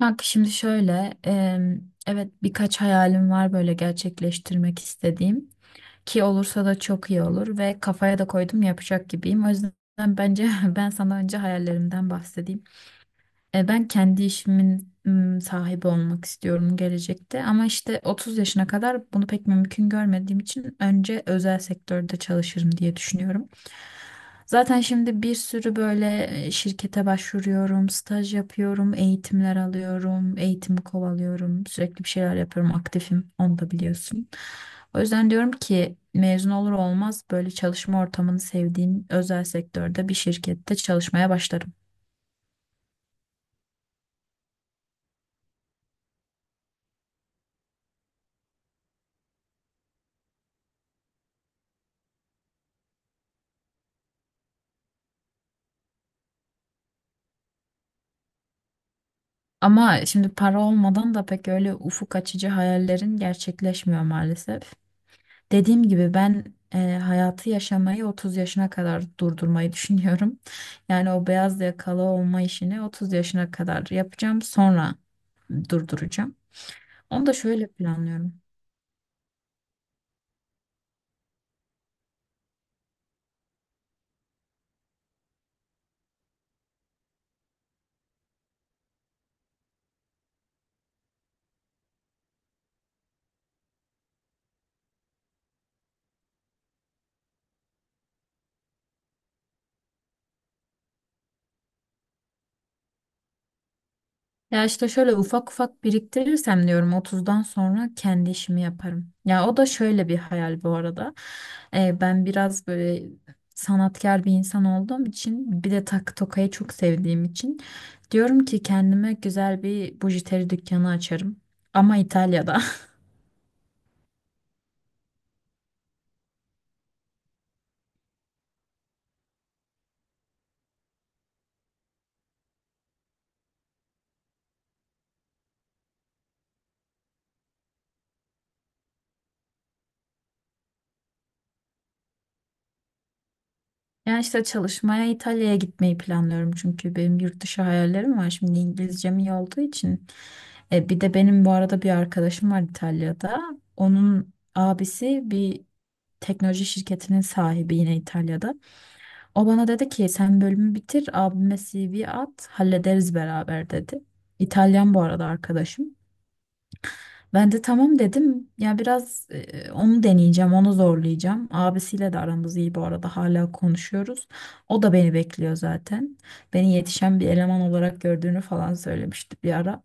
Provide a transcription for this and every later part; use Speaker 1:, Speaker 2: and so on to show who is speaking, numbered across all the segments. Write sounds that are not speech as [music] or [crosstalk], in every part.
Speaker 1: Kanka şimdi şöyle, evet birkaç hayalim var böyle gerçekleştirmek istediğim ki olursa da çok iyi olur ve kafaya da koydum yapacak gibiyim. O yüzden bence [laughs] ben sana önce hayallerimden bahsedeyim. Ben kendi işimin sahibi olmak istiyorum gelecekte ama işte 30 yaşına kadar bunu pek mümkün görmediğim için önce özel sektörde çalışırım diye düşünüyorum. Zaten şimdi bir sürü böyle şirkete başvuruyorum, staj yapıyorum, eğitimler alıyorum, eğitimi kovalıyorum, sürekli bir şeyler yapıyorum, aktifim, onu da biliyorsun. O yüzden diyorum ki mezun olur olmaz böyle çalışma ortamını sevdiğim özel sektörde bir şirkette çalışmaya başlarım. Ama şimdi para olmadan da pek öyle ufuk açıcı hayallerin gerçekleşmiyor maalesef. Dediğim gibi ben hayatı yaşamayı 30 yaşına kadar durdurmayı [laughs] düşünüyorum. Yani o beyaz yakalı olma işini 30 yaşına kadar yapacağım, sonra durduracağım. Onu da şöyle planlıyorum. Ya işte şöyle ufak ufak biriktirirsem diyorum 30'dan sonra kendi işimi yaparım. Ya o da şöyle bir hayal bu arada. Ben biraz böyle sanatkar bir insan olduğum için bir de takı tokayı çok sevdiğim için diyorum ki kendime güzel bir bujiteri dükkanı açarım. Ama İtalya'da. [laughs] Ya işte çalışmaya İtalya'ya gitmeyi planlıyorum çünkü benim yurt dışı hayallerim var. Şimdi İngilizcem iyi olduğu için. Bir de benim bu arada bir arkadaşım var İtalya'da. Onun abisi bir teknoloji şirketinin sahibi, yine İtalya'da. O bana dedi ki sen bölümü bitir, abime CV at, hallederiz beraber dedi. İtalyan bu arada arkadaşım. Ben de tamam dedim. Ya biraz onu deneyeceğim, onu zorlayacağım. Abisiyle de aramız iyi bu arada, hala konuşuyoruz. O da beni bekliyor zaten. Beni yetişen bir eleman olarak gördüğünü falan söylemişti bir ara.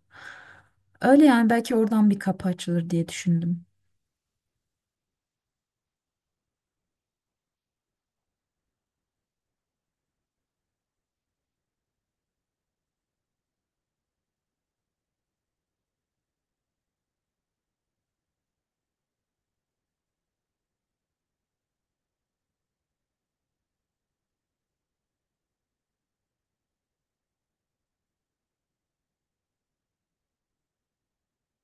Speaker 1: Öyle yani, belki oradan bir kapı açılır diye düşündüm.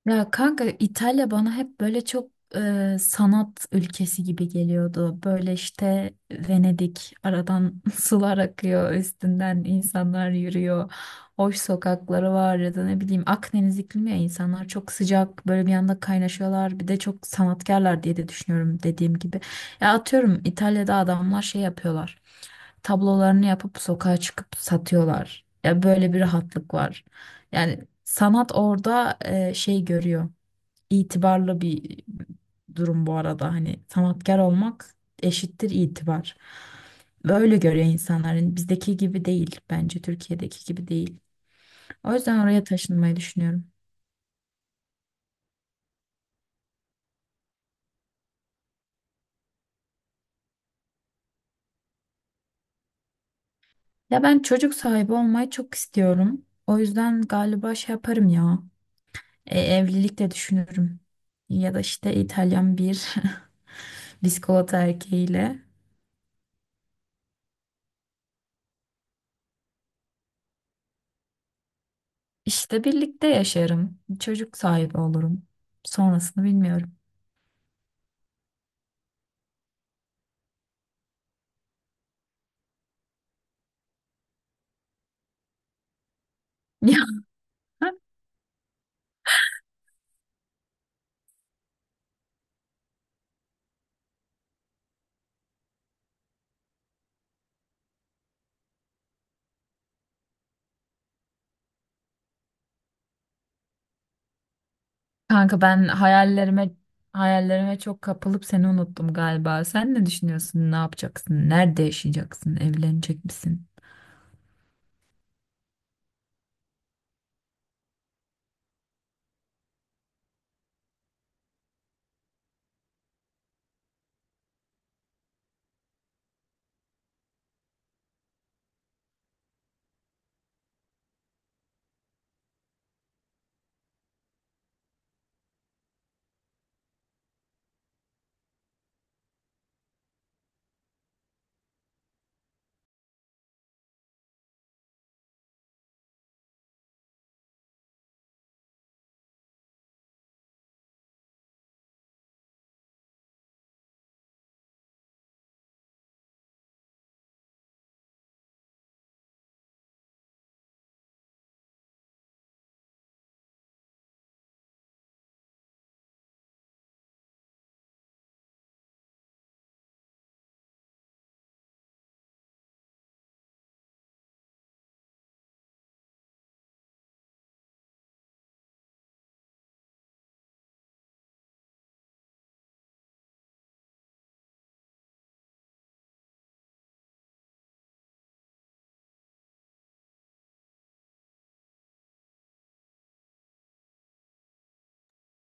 Speaker 1: Ya kanka, İtalya bana hep böyle çok sanat ülkesi gibi geliyordu. Böyle işte Venedik, aradan [laughs] sular akıyor, üstünden insanlar yürüyor. Hoş sokakları var ya da ne bileyim Akdeniz iklimi, ya insanlar çok sıcak, böyle bir anda kaynaşıyorlar. Bir de çok sanatkarlar diye de düşünüyorum, dediğim gibi. Ya atıyorum İtalya'da adamlar şey yapıyorlar. Tablolarını yapıp sokağa çıkıp satıyorlar. Ya böyle bir rahatlık var. Yani sanat orada şey görüyor. İtibarlı bir durum bu arada. Hani sanatkar olmak eşittir itibar. Böyle görüyor insanların. Bizdeki gibi değil, bence Türkiye'deki gibi değil. O yüzden oraya taşınmayı düşünüyorum. Ya ben çocuk sahibi olmayı çok istiyorum. O yüzden galiba şey yaparım ya. Evlilik de düşünürüm. Ya da işte İtalyan bir [laughs] bisikolata erkeğiyle. İşte birlikte yaşarım. Çocuk sahibi olurum. Sonrasını bilmiyorum. [laughs] Ya kanka, ben hayallerime çok kapılıp seni unuttum galiba. Sen ne düşünüyorsun? Ne yapacaksın? Nerede yaşayacaksın? Evlenecek misin?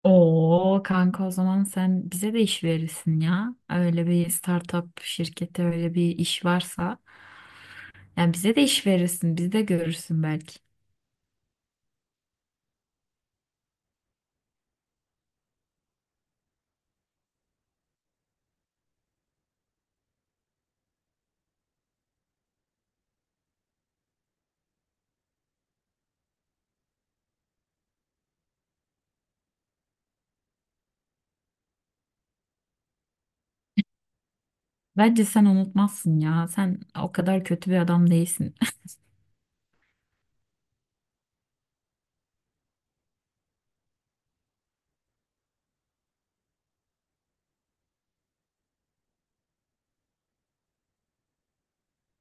Speaker 1: Oo kanka, o zaman sen bize de iş verirsin ya. Öyle bir startup şirketi, öyle bir iş varsa. Yani bize de iş verirsin. Bizi de görürsün belki. Bence sen unutmazsın ya. Sen o kadar kötü bir adam değilsin.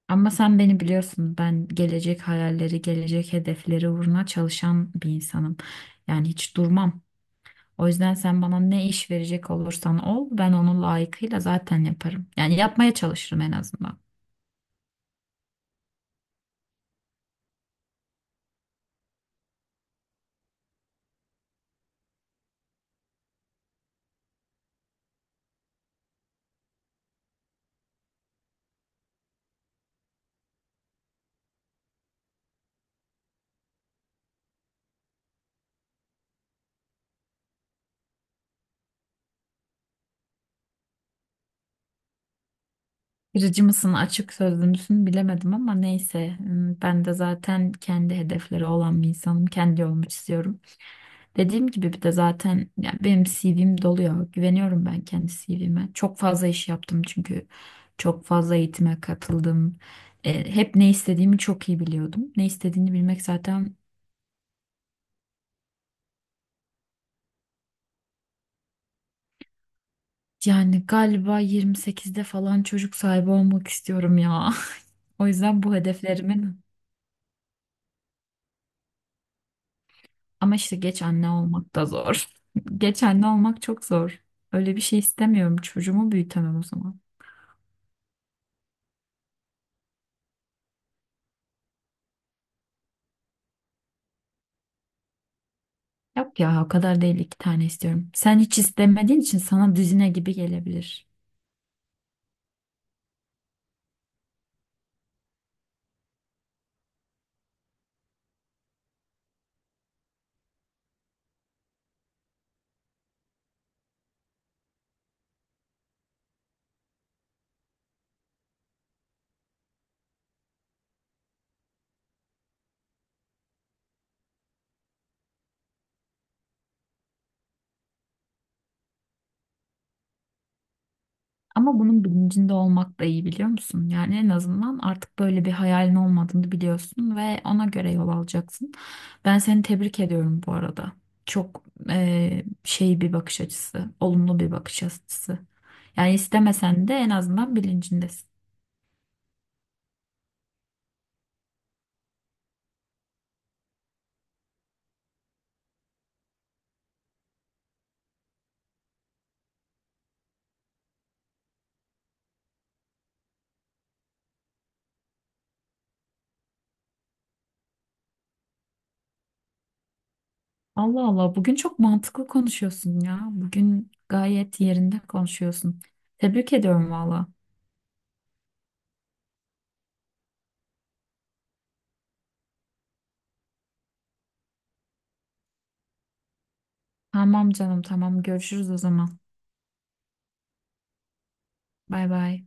Speaker 1: Ama sen beni biliyorsun. Ben gelecek hayalleri, gelecek hedefleri uğruna çalışan bir insanım. Yani hiç durmam. O yüzden sen bana ne iş verecek olursan ol, ben onu layıkıyla zaten yaparım. Yani yapmaya çalışırım en azından. Kırıcı mısın, açık sözlü müsün bilemedim ama neyse. Hmm, ben de zaten kendi hedefleri olan bir insanım. Kendi yolumu çiziyorum. Dediğim gibi bir de zaten ya benim CV'm dolu ya. Güveniyorum ben kendi CV'me. Çok fazla iş yaptım çünkü çok fazla eğitime katıldım. Hep ne istediğimi çok iyi biliyordum. Ne istediğini bilmek zaten yani galiba 28'de falan çocuk sahibi olmak istiyorum ya. [laughs] O yüzden bu hedeflerimin ama işte geç anne olmak da zor. [laughs] Geç anne olmak çok zor. Öyle bir şey istemiyorum. Çocuğumu büyütemem o zaman. Yok ya o kadar değil, iki tane istiyorum. Sen hiç istemediğin için sana düzine gibi gelebilir. Ama bunun bilincinde olmak da iyi, biliyor musun? Yani en azından artık böyle bir hayalin olmadığını biliyorsun ve ona göre yol alacaksın. Ben seni tebrik ediyorum bu arada. Çok şey bir bakış açısı, olumlu bir bakış açısı. Yani istemesen de en azından bilincindesin. Allah Allah, bugün çok mantıklı konuşuyorsun ya. Bugün gayet yerinde konuşuyorsun. Tebrik ediyorum valla. Tamam canım, tamam, görüşürüz o zaman. Bay bay.